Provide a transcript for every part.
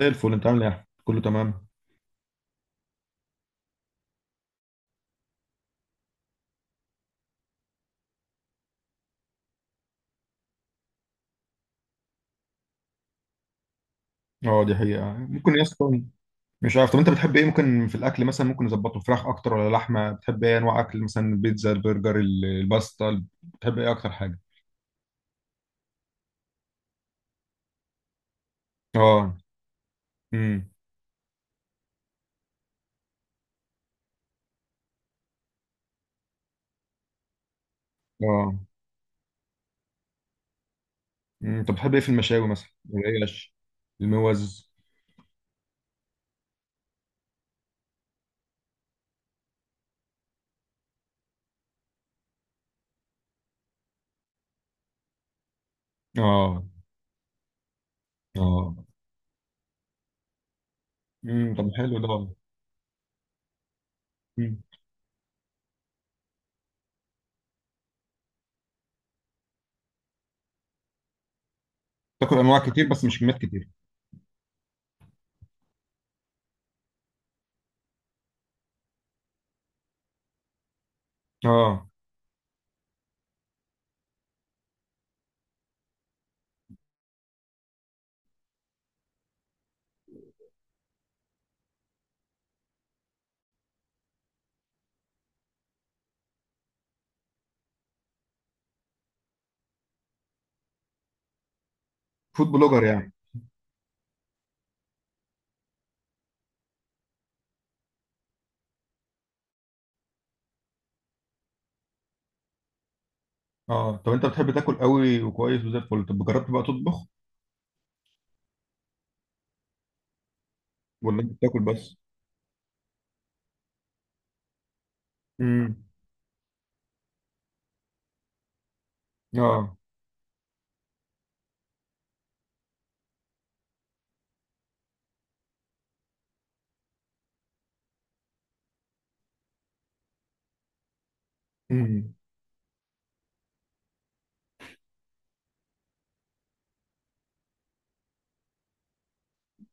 زي الفل، انت عامل ايه يا احمد؟ كله تمام. اه، دي حقيقة ممكن يا اسطى. مش عارف. طب انت بتحب ايه ممكن في الاكل؟ مثلا ممكن نظبطه فراخ اكتر ولا لحمة؟ بتحب ايه انواع اكل؟ مثلا البيتزا، البرجر، الباستا، بتحب ايه اكتر حاجة؟ اه. امم. اه. امم. طب بتحب ايه في المشاوي؟ مثلا العيش، الموز. اه. اه. امم. طب حلو ده. امم تاكل انواع كتير بس مش كميات كتير. اه، فود بلوجر يعني. اه، طب انت بتحب تاكل قوي وكويس وزي الفل؟ طب جربت بقى تطبخ ولا انت بتاكل بس؟ امم. اه. امم.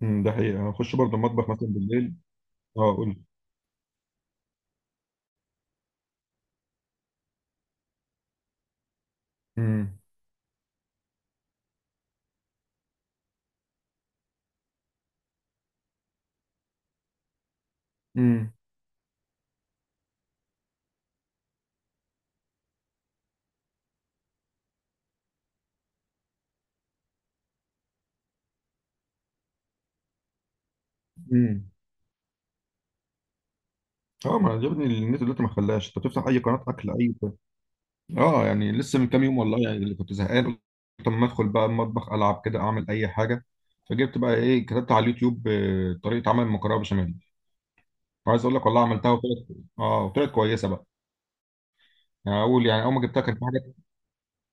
ده حقيقة هخش برضه المطبخ مثلا بالليل. اه، قول لي. امم. امم. امم اه، ما عجبني النت دلوقتي، ما خلاش انت بتفتح اي قناة اكل، اه، يعني لسه من كام يوم والله، يعني اللي كنت زهقان قلت، طب ما ادخل بقى المطبخ، العب كده اعمل اي حاجة. فجبت بقى ايه، كتبت على اليوتيوب طريقة عمل المكرونة بشاميل. وعايز اقول لك والله عملتها وطلعت. اه، وطلعت كويسة بقى. يعني اول ما جبتها كان في حاجة.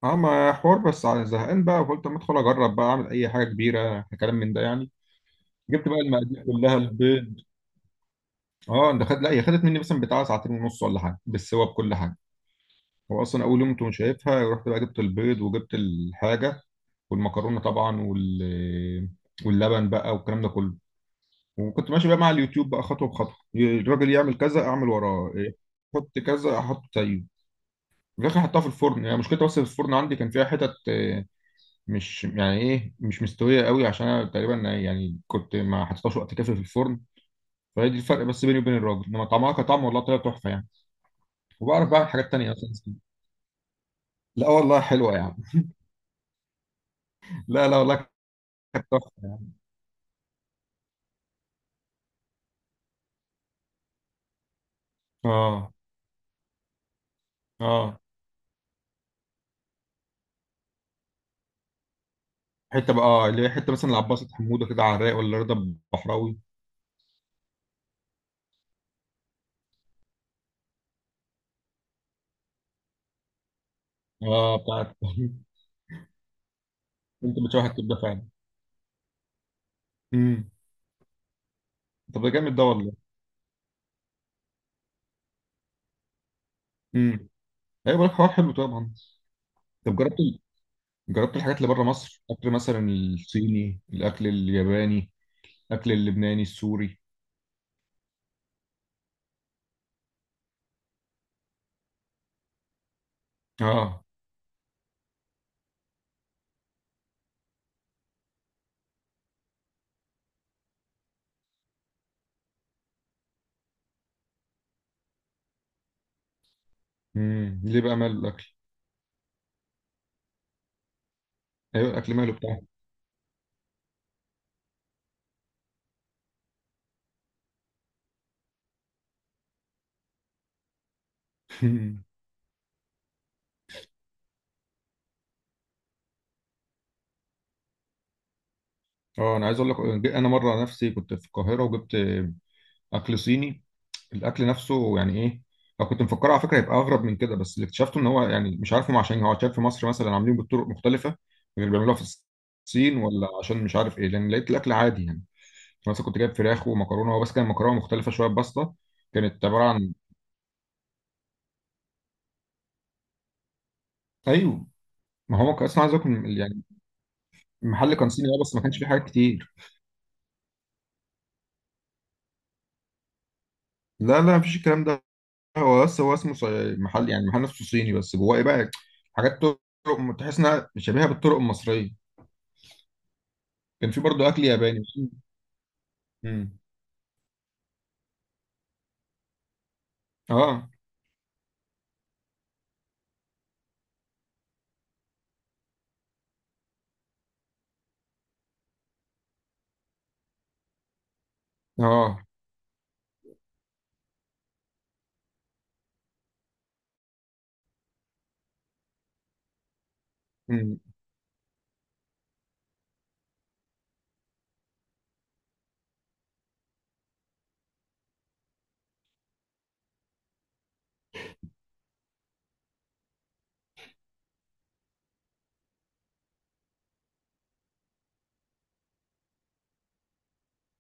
اه، ما حوار بس زهقان بقى، فقلت اما ادخل اجرب بقى اعمل اي حاجة كبيرة، كلام من ده يعني. جبت بقى المقادير كلها، البيض. اه، ده خد، لا هي خدت مني مثلا بتاع ساعتين ونص ولا حاجه، بالسوا بكل حاجه. هو اصلا اول يوم كنت مش شايفها، رحت بقى جبت البيض وجبت الحاجه والمكرونه طبعا واللبن بقى والكلام ده كله. وكنت ماشي بقى مع اليوتيوب بقى خطوه بخطوه، الراجل يعمل كذا اعمل وراه، حط كذا احط زيه. في الاخر حطها في الفرن. يعني مشكلتها بس في الفرن عندي كان فيها حتت، مش يعني ايه، مش مستويه قوي، عشان انا تقريبا يعني كنت ما حطيتهاش وقت كافي في الفرن. فهي دي الفرق بس بيني وبين الراجل، انما طعمها كطعم والله طلع تحفه يعني. وبعرف بعمل حاجات تانية أساسا. لا والله حلوة يا عم. لا لا والله كانت تحفة يا عم. اه. اه. حتة بقى، اللي هي حتة، مثلا العباسة، حمودة كده على الرايق، ولا رضا بحراوي. اه، بتاعت انت بتشوح الكبدة فعلا؟ امم. طب ده جامد ده والله. امم. ايوه، بقول لك حوار حلو طبعا. طب جربت جربت الحاجات اللي بره مصر، اكل مثلا الصيني، الاكل الياباني، الاكل اللبناني السوري؟ اه. امم. ليه بقى ماله الاكل؟ ايوه، الاكل ماله بتاعه؟ اه، انا عايز اقول لك، انا مره نفسي كنت في القاهره وجبت اكل صيني. الاكل نفسه يعني ايه، انا كنت مفكره على فكره هيبقى اغرب من كده، بس اللي اكتشفته ان هو يعني مش عارف هم، عشان هو عشان في مصر مثلا عاملين بالطرق مختلفه، غير اللي بيعملوها في الصين، ولا عشان مش عارف ايه، لان لقيت الاكل عادي يعني. مثلا كنت جايب فراخ ومكرونه، هو بس كان مكرونه مختلفه شويه بسطه، كانت عباره عن. ايوه. ما هو كان اصلا عايز اكل يعني، المحل كان صيني اه، بس ما كانش فيه حاجات كتير. لا، لا، مفيش الكلام ده. هو بس هو اسمه محل، يعني محل نفسه صيني، بس جواه ايه بقى؟ حاجات طرق تحس انها شبيهه بالطرق المصريه. كان في برضه اكل ياباني. امم. اه. اه. امم.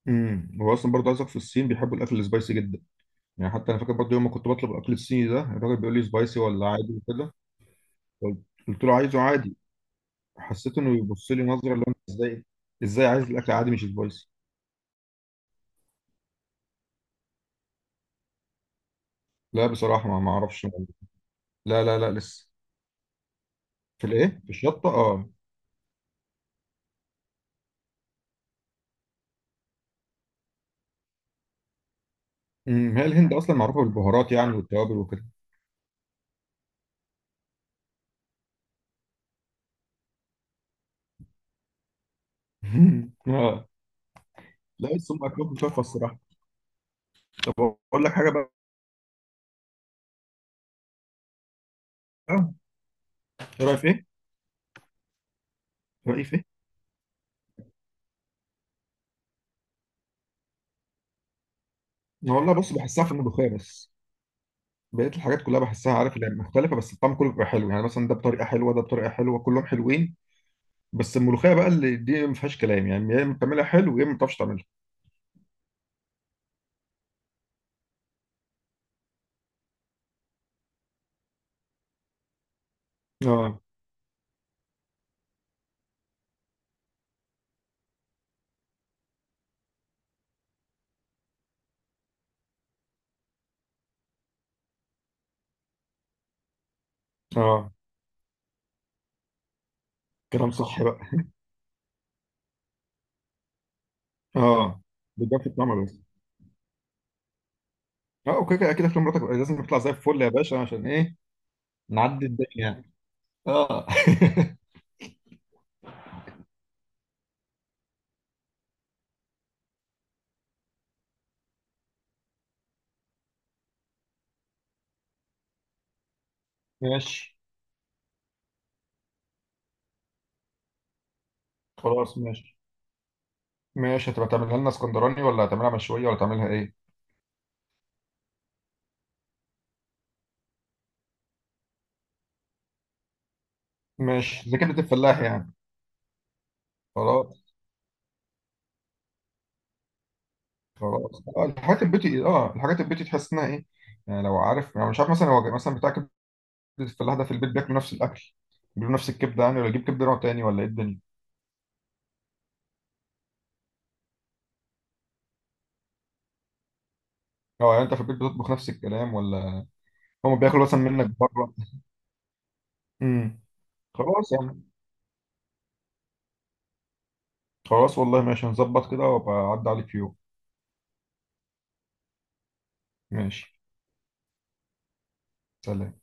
هو اصلا برضه عايزك في الصين بيحبوا الاكل السبايسي جدا، يعني حتى انا فاكر برضه يوم ما كنت بطلب الاكل الصيني ده، الراجل بيقول لي سبايسي ولا عادي وكده. قلت قلت له عايزه عادي. حسيت انه بيبص لي نظره، اللي هو أنت ازاي، ازاي عايز الاكل عادي مش سبايسي؟ لا بصراحه، ما اعرفش. لا، لا، لا، لسه. في الشطه، اه. امم. هي الهند اصلا معروفه بالبهارات يعني والتوابل وكده. اه. لا، بس هم اكلهم تحفه الصراحه. طب، اقول لك حاجه بقى. ايه رايك في ايه؟ رايي في. والله بص، بحسها في الملوخيه بس. بقيت الحاجات كلها بحسها، عارف اللي مختلفه، بس الطعم كله بيبقى حلو يعني، مثلا ده بطريقه حلوه، ده بطريقه حلوه، كلهم حلوين. بس الملوخيه بقى اللي دي ما فيهاش كلام يعني، يا اما بتعملها حلو، يا اما ما بتعرفش تعملها. اه. اه، كلام صح بقى. اه، بتبان في الطعم بس. اه، اوكي كده. اكيد اكل مراتك لازم تطلع زي الفل يا باشا. عشان ايه، نعدي الدنيا يعني. اه. ماشي. خلاص، ماشي. ماشي، هتبقى تعملها لنا اسكندراني ولا هتعملها مشويه ولا تعملها ايه؟ ماشي، زي كبده الفلاح يعني. خلاص. خلاص، الحاجات البيتي تحس انها ايه؟ يعني لو عارف، يعني مش عارف مثلا هو مثلا بتاع كبده الفلاح ده، في البيت بياكلوا نفس الاكل؟ بياكلوا نفس الكبده يعني، ولا يجيب كبده نوع تاني، ولا ايه الدنيا؟ اه، يعني انت في البيت بتطبخ نفس الكلام، ولا هم بياكلوا مثلا منك بره؟ امم. خلاص يعني. خلاص والله، ماشي، هنظبط كده وابقى اعدي عليك في يوم. ماشي. سلام.